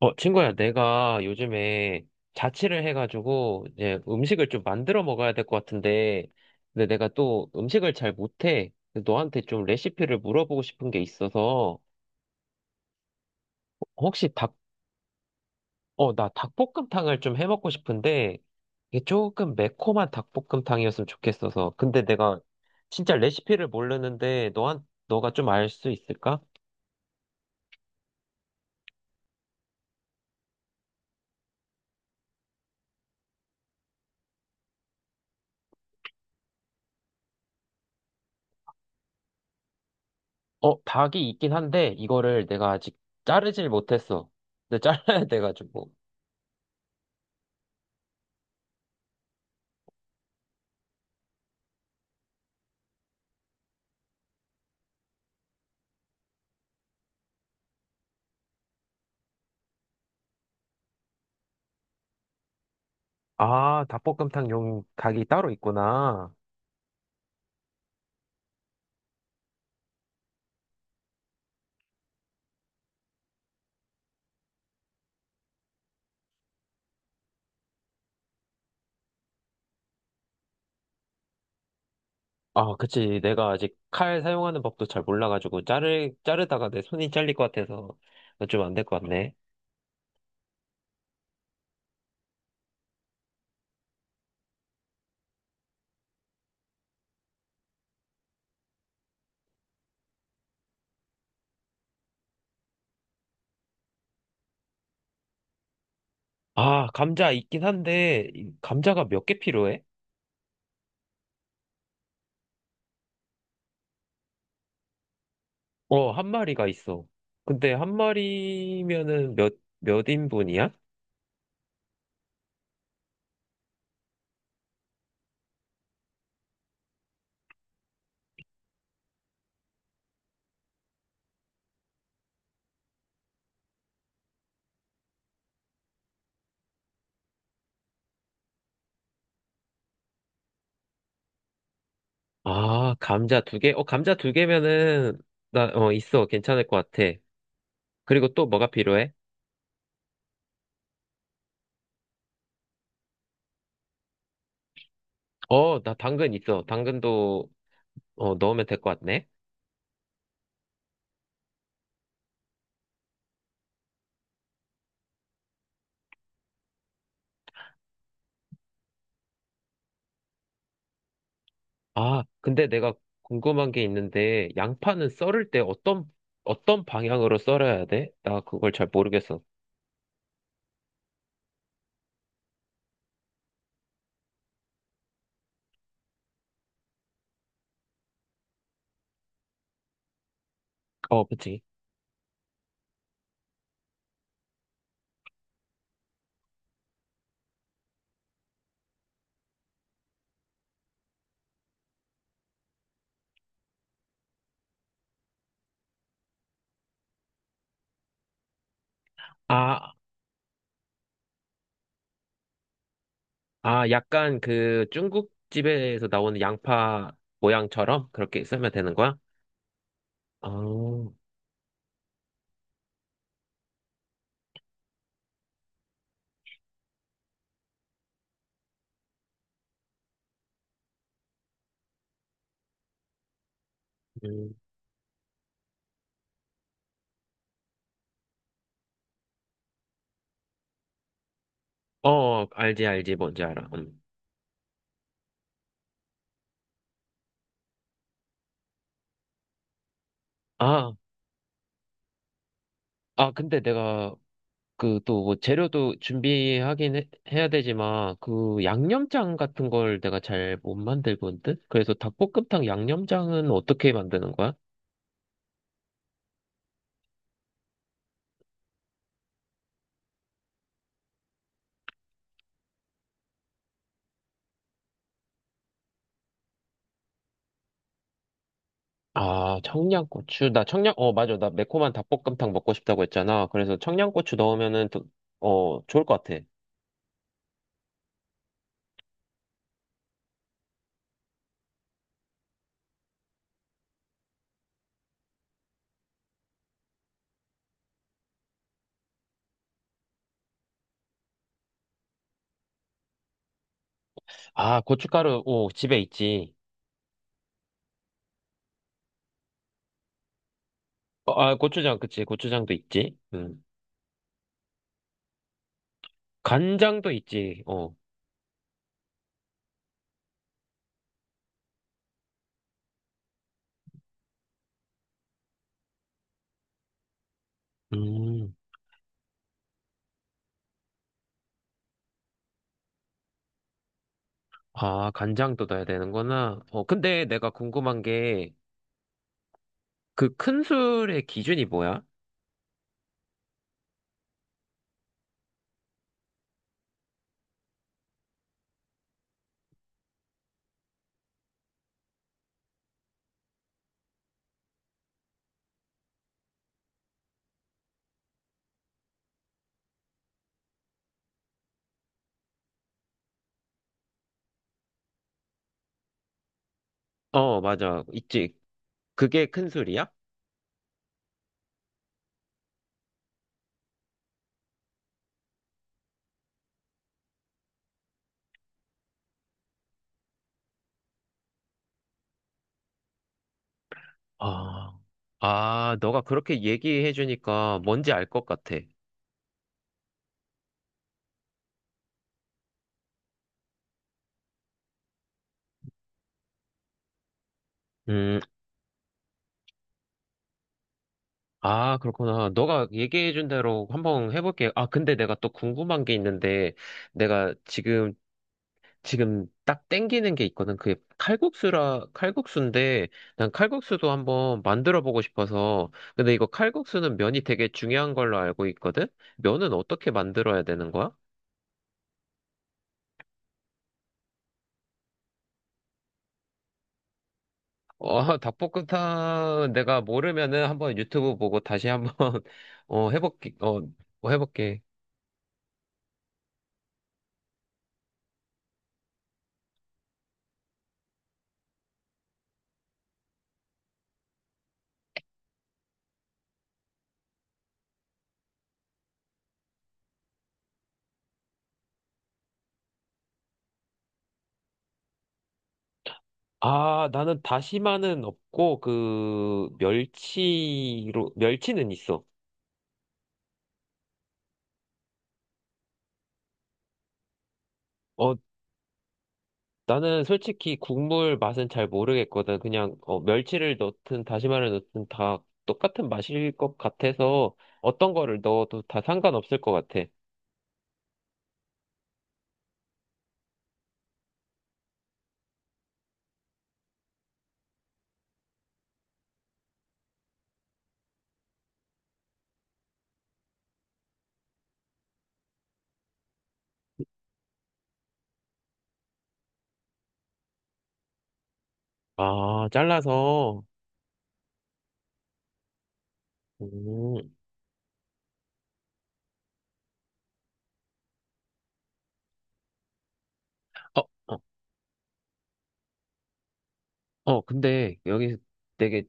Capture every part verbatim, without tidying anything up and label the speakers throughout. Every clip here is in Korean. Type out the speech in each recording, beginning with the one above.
Speaker 1: 어, 친구야, 내가 요즘에 자취를 해가지고 이제 음식을 좀 만들어 먹어야 될 것 같은데, 근데 내가 또 음식을 잘 못해. 근데 너한테 좀 레시피를 물어보고 싶은 게 있어서, 혹시 닭, 어, 나 닭볶음탕을 좀 해 먹고 싶은데, 이게 조금 매콤한 닭볶음탕이었으면 좋겠어서. 근데 내가 진짜 레시피를 모르는데, 너한, 너가 좀 알 수 있을까? 어, 닭이 있긴 한데, 이거를 내가 아직 자르질 못했어. 근데 잘라야 돼가지고. 아, 닭볶음탕용 닭이 따로 있구나. 아, 그치. 내가 아직 칼 사용하는 법도 잘 몰라가지고, 자르, 자르다가 내 손이 잘릴 것 같아서, 좀 안 될 것 같네. 아, 감자 있긴 한데, 이 감자가 몇 개 필요해? 어, 한 마리가 있어. 근데 한 마리면은 몇, 몇 인분이야? 아, 감자 두 개? 어, 감자 두 개면은, 나, 어, 있어. 괜찮을 것 같아. 그리고 또 뭐가 필요해? 어, 나 당근 있어. 당근도, 어, 넣으면 될 것 같네. 아, 근데 내가 궁금한 게 있는데, 양파는 썰을 때 어떤, 어떤 방향으로 썰어야 돼? 나 그걸 잘 모르겠어. 어, 그치. 아, 아, 약간 그 중국집에서 나오는 양파 모양처럼 그렇게 썰면 되는 거야? 아, 음. 어, 알지, 알지, 뭔지 알아. 음. 아, 아, 근데 내가 그 또 뭐 재료도 준비하긴 해, 해야 되지만 그 양념장 같은 걸 내가 잘 못 만들거든? 그래서 닭볶음탕 양념장은 어떻게 만드는 거야? 아, 청양고추. 나 청양, 어, 맞아. 나 매콤한 닭볶음탕 먹고 싶다고 했잖아. 그래서 청양고추 넣으면은, 또- 어, 좋을 것 같아. 아, 고춧가루, 오, 집에 있지. 어, 아, 고추장, 그치. 고추장도 있지. 음. 간장도 있지. 어. 음. 아, 간장도 넣어야 되는구나. 어, 근데 내가 궁금한 게, 그 큰 술의 기준이 뭐야? 어, 맞아. 있지. 그게 큰 술이야? 아, 아, 너가 그렇게 얘기해 주니까 뭔지 알 것 같아. 음, 아, 그렇구나. 너가 얘기해 준 대로 한번 해볼게. 아, 근데 내가 또 궁금한 게 있는데, 내가 지금, 지금 딱 땡기는 게 있거든. 그게 칼국수라, 칼국수인데, 난 칼국수도 한번 만들어 보고 싶어서. 근데 이거 칼국수는 면이 되게 중요한 걸로 알고 있거든? 면은 어떻게 만들어야 되는 거야? 어, 닭볶음탕 내가 모르면은 한번 유튜브 보고 다시 한번 어 해볼게. 어, 뭐 해볼게. 아, 나는 다시마는 없고 그 멸치로 멸치는 있어. 어, 나는 솔직히 국물 맛은 잘 모르겠거든. 그냥 어, 멸치를 넣든 다시마를 넣든 다 똑같은 맛일 것 같아서 어떤 거를 넣어도 다 상관없을 것 같아. 아, 잘라서. 음. 어, 어, 어, 근데 여기 되게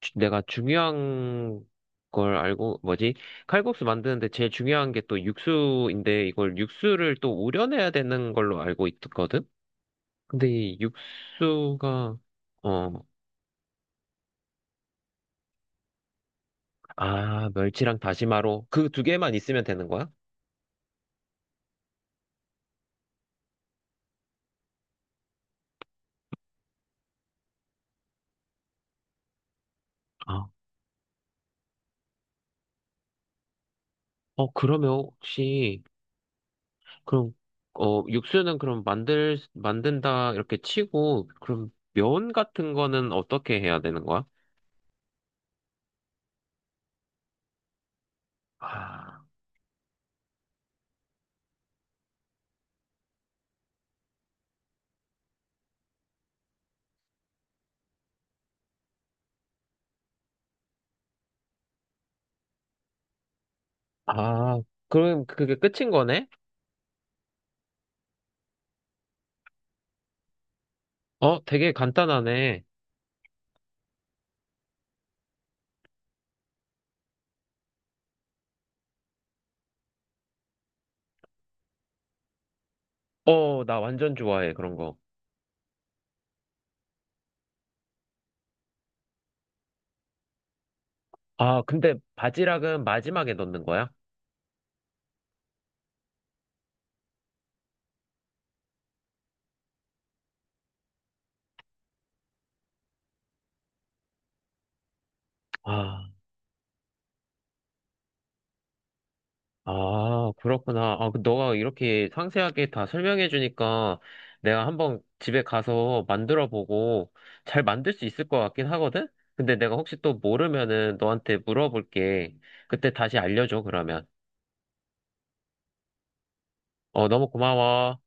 Speaker 1: 주- 내가 중요한 걸 알고, 뭐지? 칼국수 만드는데 제일 중요한 게 또 육수인데 이걸 육수를 또 우려내야 되는 걸로 알고 있거든? 근데 이 육수가, 어, 아, 멸치랑 다시마로 그 두 개만 있으면 되는 거야? 아, 어, 그러면 혹시, 그럼, 어, 육수는 그럼 만들, 만든다 이렇게 치고, 그럼 면 같은 거는 어떻게 해야 되는 거야? 아, 아, 그럼 그게 끝인 거네? 어, 되게 간단하네. 어, 나 완전 좋아해, 그런 거. 아, 근데 바지락은 마지막에 넣는 거야? 아, 아, 그렇구나. 아, 그 너가 이렇게 상세하게 다 설명해 주니까 내가 한번 집에 가서 만들어 보고 잘 만들 수 있을 것 같긴 하거든? 근데 내가 혹시 또 모르면은 너한테 물어볼게. 그때 다시 알려줘, 그러면. 어, 너무 고마워.